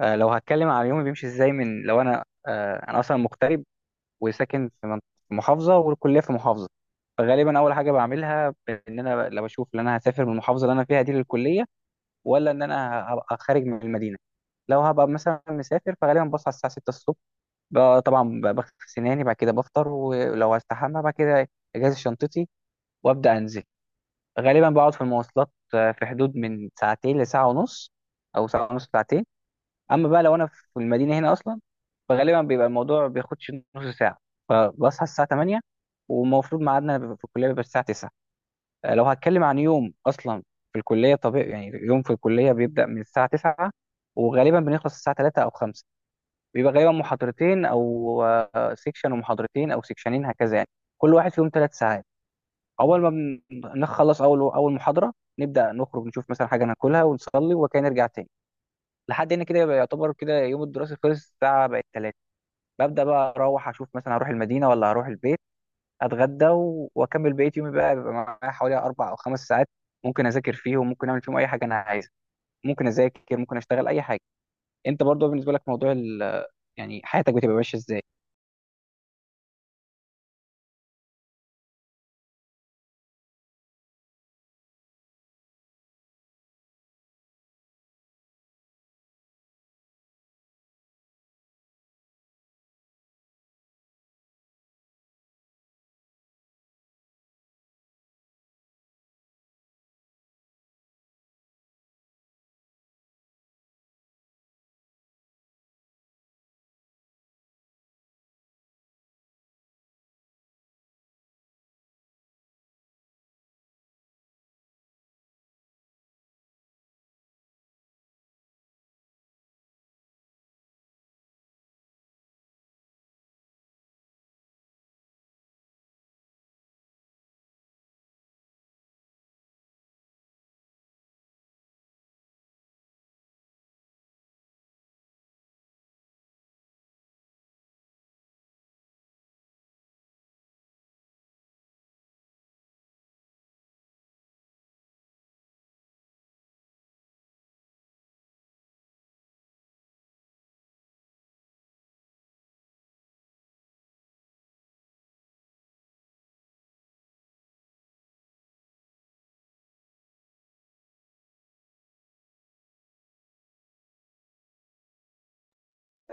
لو هتكلم على يومي بيمشي ازاي، لو انا اصلا مغترب وساكن في في محافظه، والكليه في محافظه. فغالبا اول حاجه بعملها ان انا لو اشوف ان انا هسافر من المحافظه اللي انا فيها دي للكليه، ولا ان انا هبقى خارج من المدينه. لو هبقى مثلا مسافر فغالبا بصحى الساعه 6 الصبح، طبعا بغسل سناني، بعد كده بفطر ولو هستحمى. بعد كده اجهز شنطتي وابدا انزل. غالبا بقعد في المواصلات في حدود من ساعتين لساعه ونص، او ساعه ونص ساعتين. اما بقى لو انا في المدينه هنا اصلا، فغالبا بيبقى الموضوع ما بياخدش نص ساعه، فبصحى الساعه 8. والمفروض ميعادنا بيبقى في الكليه بيبقى الساعه 9. لو هتكلم عن يوم اصلا في الكليه، طبيعي يعني يوم في الكليه بيبدا من الساعه 9 وغالبا بنخلص الساعه 3 او 5. بيبقى غالبا محاضرتين او سيكشن ومحاضرتين او سيكشنين، هكذا يعني. كل واحد فيهم ثلاث ساعات. اول ما بن- نخلص اول محاضره، نبدا نخرج نشوف مثلا حاجه ناكلها ونصلي وكان نرجع تاني. لحد هنا كده يبقى يعتبر كده يوم الدراسي خلص، الساعه بقت تلاتة. ببدأ بقى أروح أشوف مثلا هروح المدينة ولا هروح البيت. أتغدى وأكمل بقية يومي، بقى بيبقى معايا حوالي أربع أو خمس ساعات، ممكن أذاكر فيهم، ممكن أعمل فيهم أي حاجة أنا عايزها. ممكن أذاكر، ممكن أشتغل أي حاجة. أنت برضو بالنسبة لك موضوع يعني حياتك بتبقى ماشية إزاي؟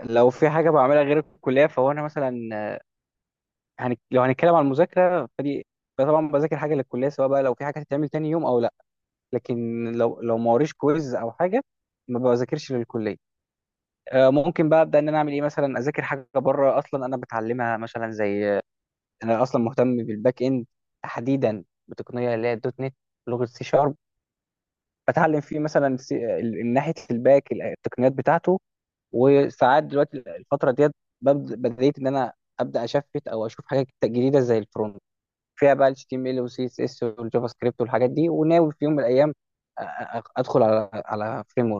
لو في حاجة بعملها غير الكلية فهو، أنا مثلا لو هنتكلم عن المذاكرة فدي، فطبعا بذاكر حاجة للكلية، سواء بقى لو في حاجة هتتعمل تاني يوم أو لأ. لكن لو ما وريش كويز أو حاجة ما بذاكرش للكلية. ممكن بقى ابدا ان انا اعمل ايه، مثلا اذاكر حاجه بره اصلا انا بتعلمها، مثلا زي، انا اصلا مهتم بالباك اند، تحديدا بتقنيه اللي هي الدوت نت، لغه سي شارب. بتعلم فيه مثلا ناحيه الباك، التقنيات بتاعته. وساعات دلوقتي الفتره ديت بديت ان انا ابدا اشفت او اشوف حاجات جديده زي الفرونت، فيها بقى ال HTML وال CSS والجافا سكريبت والحاجات دي. وناوي في يوم من الايام، ادخل على فريم.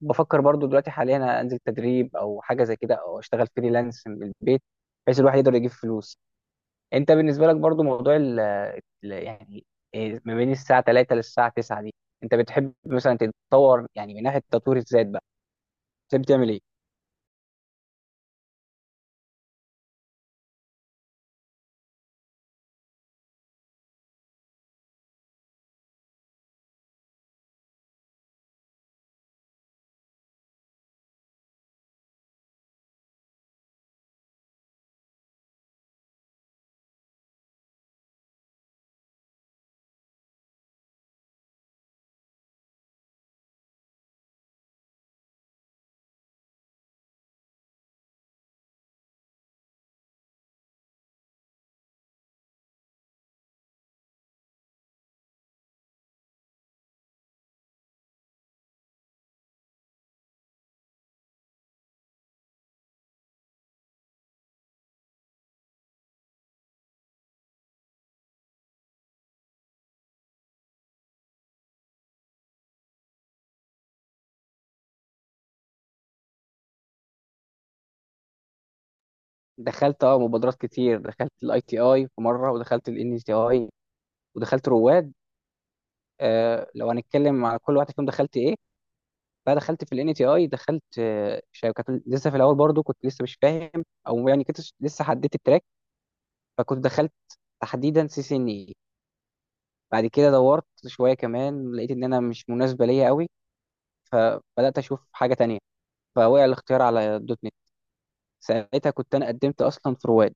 بفكر برضو دلوقتي حاليا أنا انزل تدريب او حاجه زي كده، او اشتغل فريلانس من البيت، بحيث الواحد يقدر يجيب فلوس. انت بالنسبه لك برضو موضوع يعني ما بين الساعه 3 للساعه 9 دي، انت بتحب مثلا تتطور يعني من ناحيه تطوير الذات بقى؟ بتحب تعمل ايه؟ دخلت اه مبادرات كتير، دخلت الاي تي اي في مره، ودخلت الان تي اي، ودخلت رواد. آه لو هنتكلم على كل واحد فيهم دخلت ايه، فدخلت في الان تي اي، دخلت شركات. لسه في الاول برضو كنت لسه مش فاهم، او يعني كنت لسه حددت التراك، فكنت دخلت تحديدا سي سي ان اي. بعد كده دورت شويه كمان، لقيت ان انا مش مناسبه ليا قوي، فبدات اشوف حاجه تانية، فوقع الاختيار على دوت نت. ساعتها كنت انا قدمت اصلا في رواد،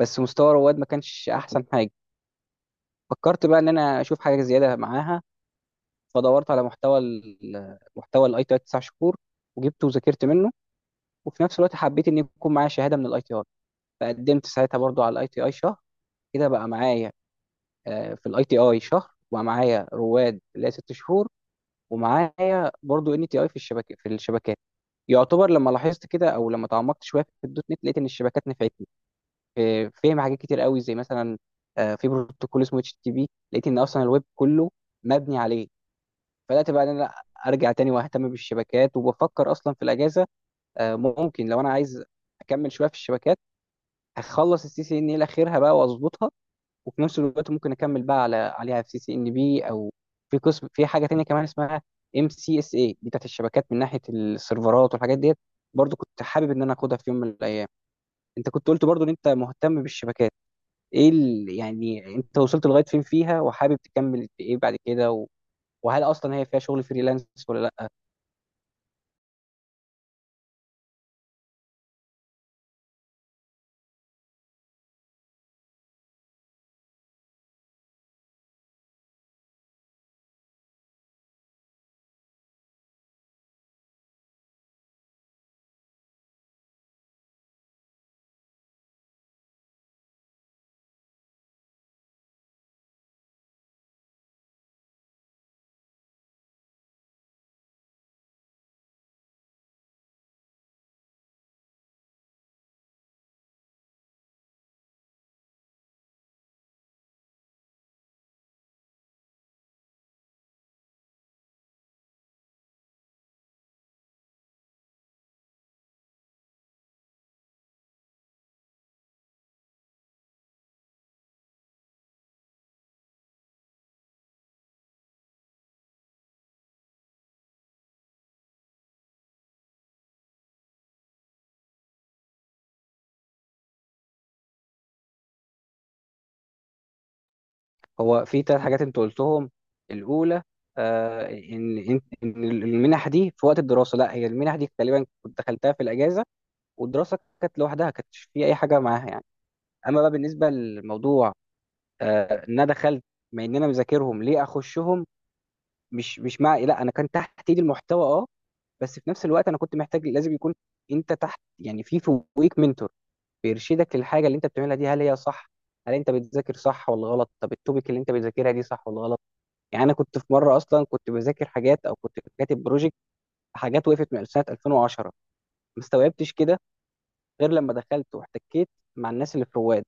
بس مستوى رواد ما كانش احسن حاجه. فكرت بقى ان انا اشوف حاجه زياده معاها، فدورت على محتوى الاي تي اي 9 شهور، وجبته وذاكرت منه. وفي نفس الوقت حبيت ان يكون معايا شهاده من الاي تي اي، فقدمت ساعتها برضو على الاي تي اي شهر. كده بقى معايا في الاي تي اي شهر، وبقى معايا رواد اللي هي ست شهور، ومعايا برضو ان تي اي في الشبكه في الشبكات. يعتبر لما لاحظت كده، او لما تعمقت شويه في الدوت نت، لقيت ان الشبكات نفعتني في فهم حاجات كتير قوي، زي مثلا، في بروتوكول اسمه اتش تي بي، لقيت ان اصلا الويب كله مبني عليه. بدات بقى ان انا ارجع تاني واهتم بالشبكات، وبفكر اصلا في الاجازه، ممكن لو انا عايز اكمل شويه في الشبكات، هخلص السي سي ان الى اخرها بقى واظبطها. وفي نفس الوقت ممكن اكمل بقى عليها في سي سي ان بي او، في قسم في حاجه تانية كمان اسمها ام سي اس اي دي، بتاعت الشبكات من ناحيه السيرفرات والحاجات ديت، برضو كنت حابب ان انا اخدها في يوم من الايام. انت كنت قلت برضو ان انت مهتم بالشبكات، ايه يعني انت وصلت لغايه فين فيها، وحابب تكمل في ايه بعد كده، وهل اصلا هي فيها شغل فريلانس ولا لا؟ هو في ثلاث حاجات انت قلتهم. الاولى آه ان ان إن المنح دي في وقت الدراسه، لا هي المنح دي غالبا كنت دخلتها في الاجازه، والدراسه كانت لوحدها كانتش في اي حاجه معاها يعني. اما بقى بالنسبه للموضوع آه ان انا دخلت، ما ان انا مذاكرهم ليه اخشهم، مش مش مع لا انا كان تحت ايدي المحتوى اه، بس في نفس الوقت انا كنت محتاج لازم يكون انت تحت يعني، في فوقيك منتور بيرشدك للحاجه اللي انت بتعملها دي، هل هي صح، هل انت بتذاكر صح ولا غلط، طب التوبيك اللي انت بتذاكرها دي صح ولا غلط. يعني انا كنت في مره اصلا كنت بذاكر حاجات، او كنت كاتب بروجكت حاجات وقفت من سنه 2010، ما استوعبتش كده غير لما دخلت واحتكيت مع الناس اللي في رواد.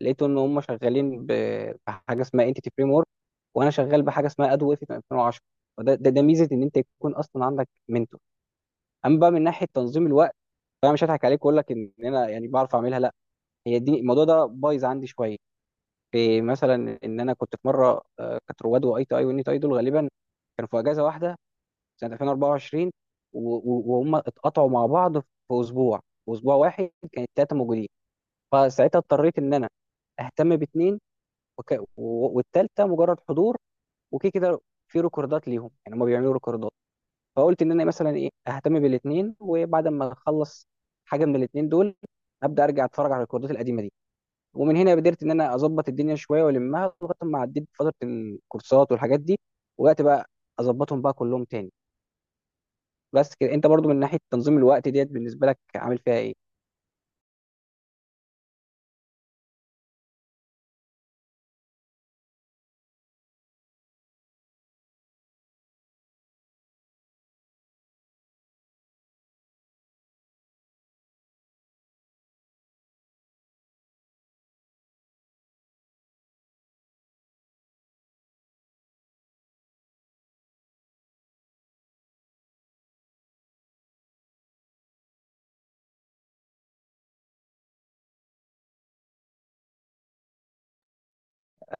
لقيت ان هم شغالين بحاجه اسمها انتيتي فريم ورك، وانا شغال بحاجه اسمها ادو اف 2010. فده ده, ده ميزه ان انت يكون اصلا عندك منتور. اما بقى من ناحيه تنظيم الوقت، فانا مش هضحك عليك واقول لك ان انا يعني بعرف اعملها، لا، هي دي، الموضوع ده بايظ عندي شويه. في مثلا ان انا كنت في مره، كانت رواد واي تي اي والنيت اي دول غالبا كانوا في اجازه واحده سنه 2024، و- و- وهم اتقطعوا مع بعض في اسبوع، في اسبوع واحد كانت ثلاثه موجودين. فساعتها اضطريت ان انا اهتم باثنين، وك... و- والتالتة مجرد حضور وكده كده، في ريكوردات ليهم يعني هم بيعملوا ريكوردات. فقلت ان انا مثلا ايه اهتم بالاثنين، وبعد ما اخلص حاجة من الاثنين دول ابدا ارجع اتفرج على الريكوردات القديمة دي. ومن هنا قدرت ان انا اظبط الدنيا شوية والمها، لغاية ما عديت فترة الكورسات والحاجات دي، وبدات بقى اظبطهم بقى كلهم تاني. بس كده انت برضو من ناحية تنظيم الوقت ديت بالنسبة لك عامل فيها ايه؟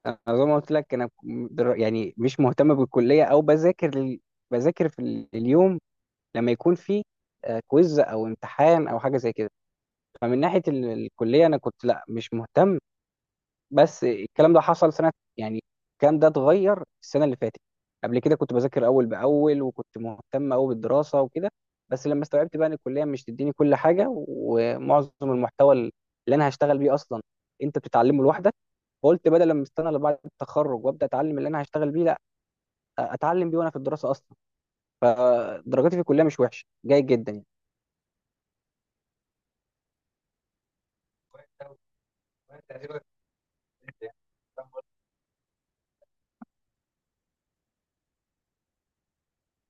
انا زي ما قلت لك انا يعني مش مهتم بالكلية، او بذاكر بذاكر في اليوم لما يكون في كويز او امتحان او حاجه زي كده. فمن ناحيه الكليه انا كنت، لا مش مهتم، بس الكلام ده حصل سنه يعني، الكلام ده اتغير السنه اللي فاتت. قبل كده كنت بذاكر اول باول، وكنت مهتم قوي بالدراسه وكده. بس لما استوعبت بقى ان الكليه مش تديني كل حاجه، ومعظم المحتوى اللي انا هشتغل بيه اصلا انت بتتعلمه لوحدك، فقلت بدل لما استنى لبعد التخرج وابدا اتعلم اللي انا هشتغل بيه، لا، اتعلم بيه وانا في الدراسه اصلا. فدرجاتي في الكليه مش وحشه، جيد جدا يعني. تقريبا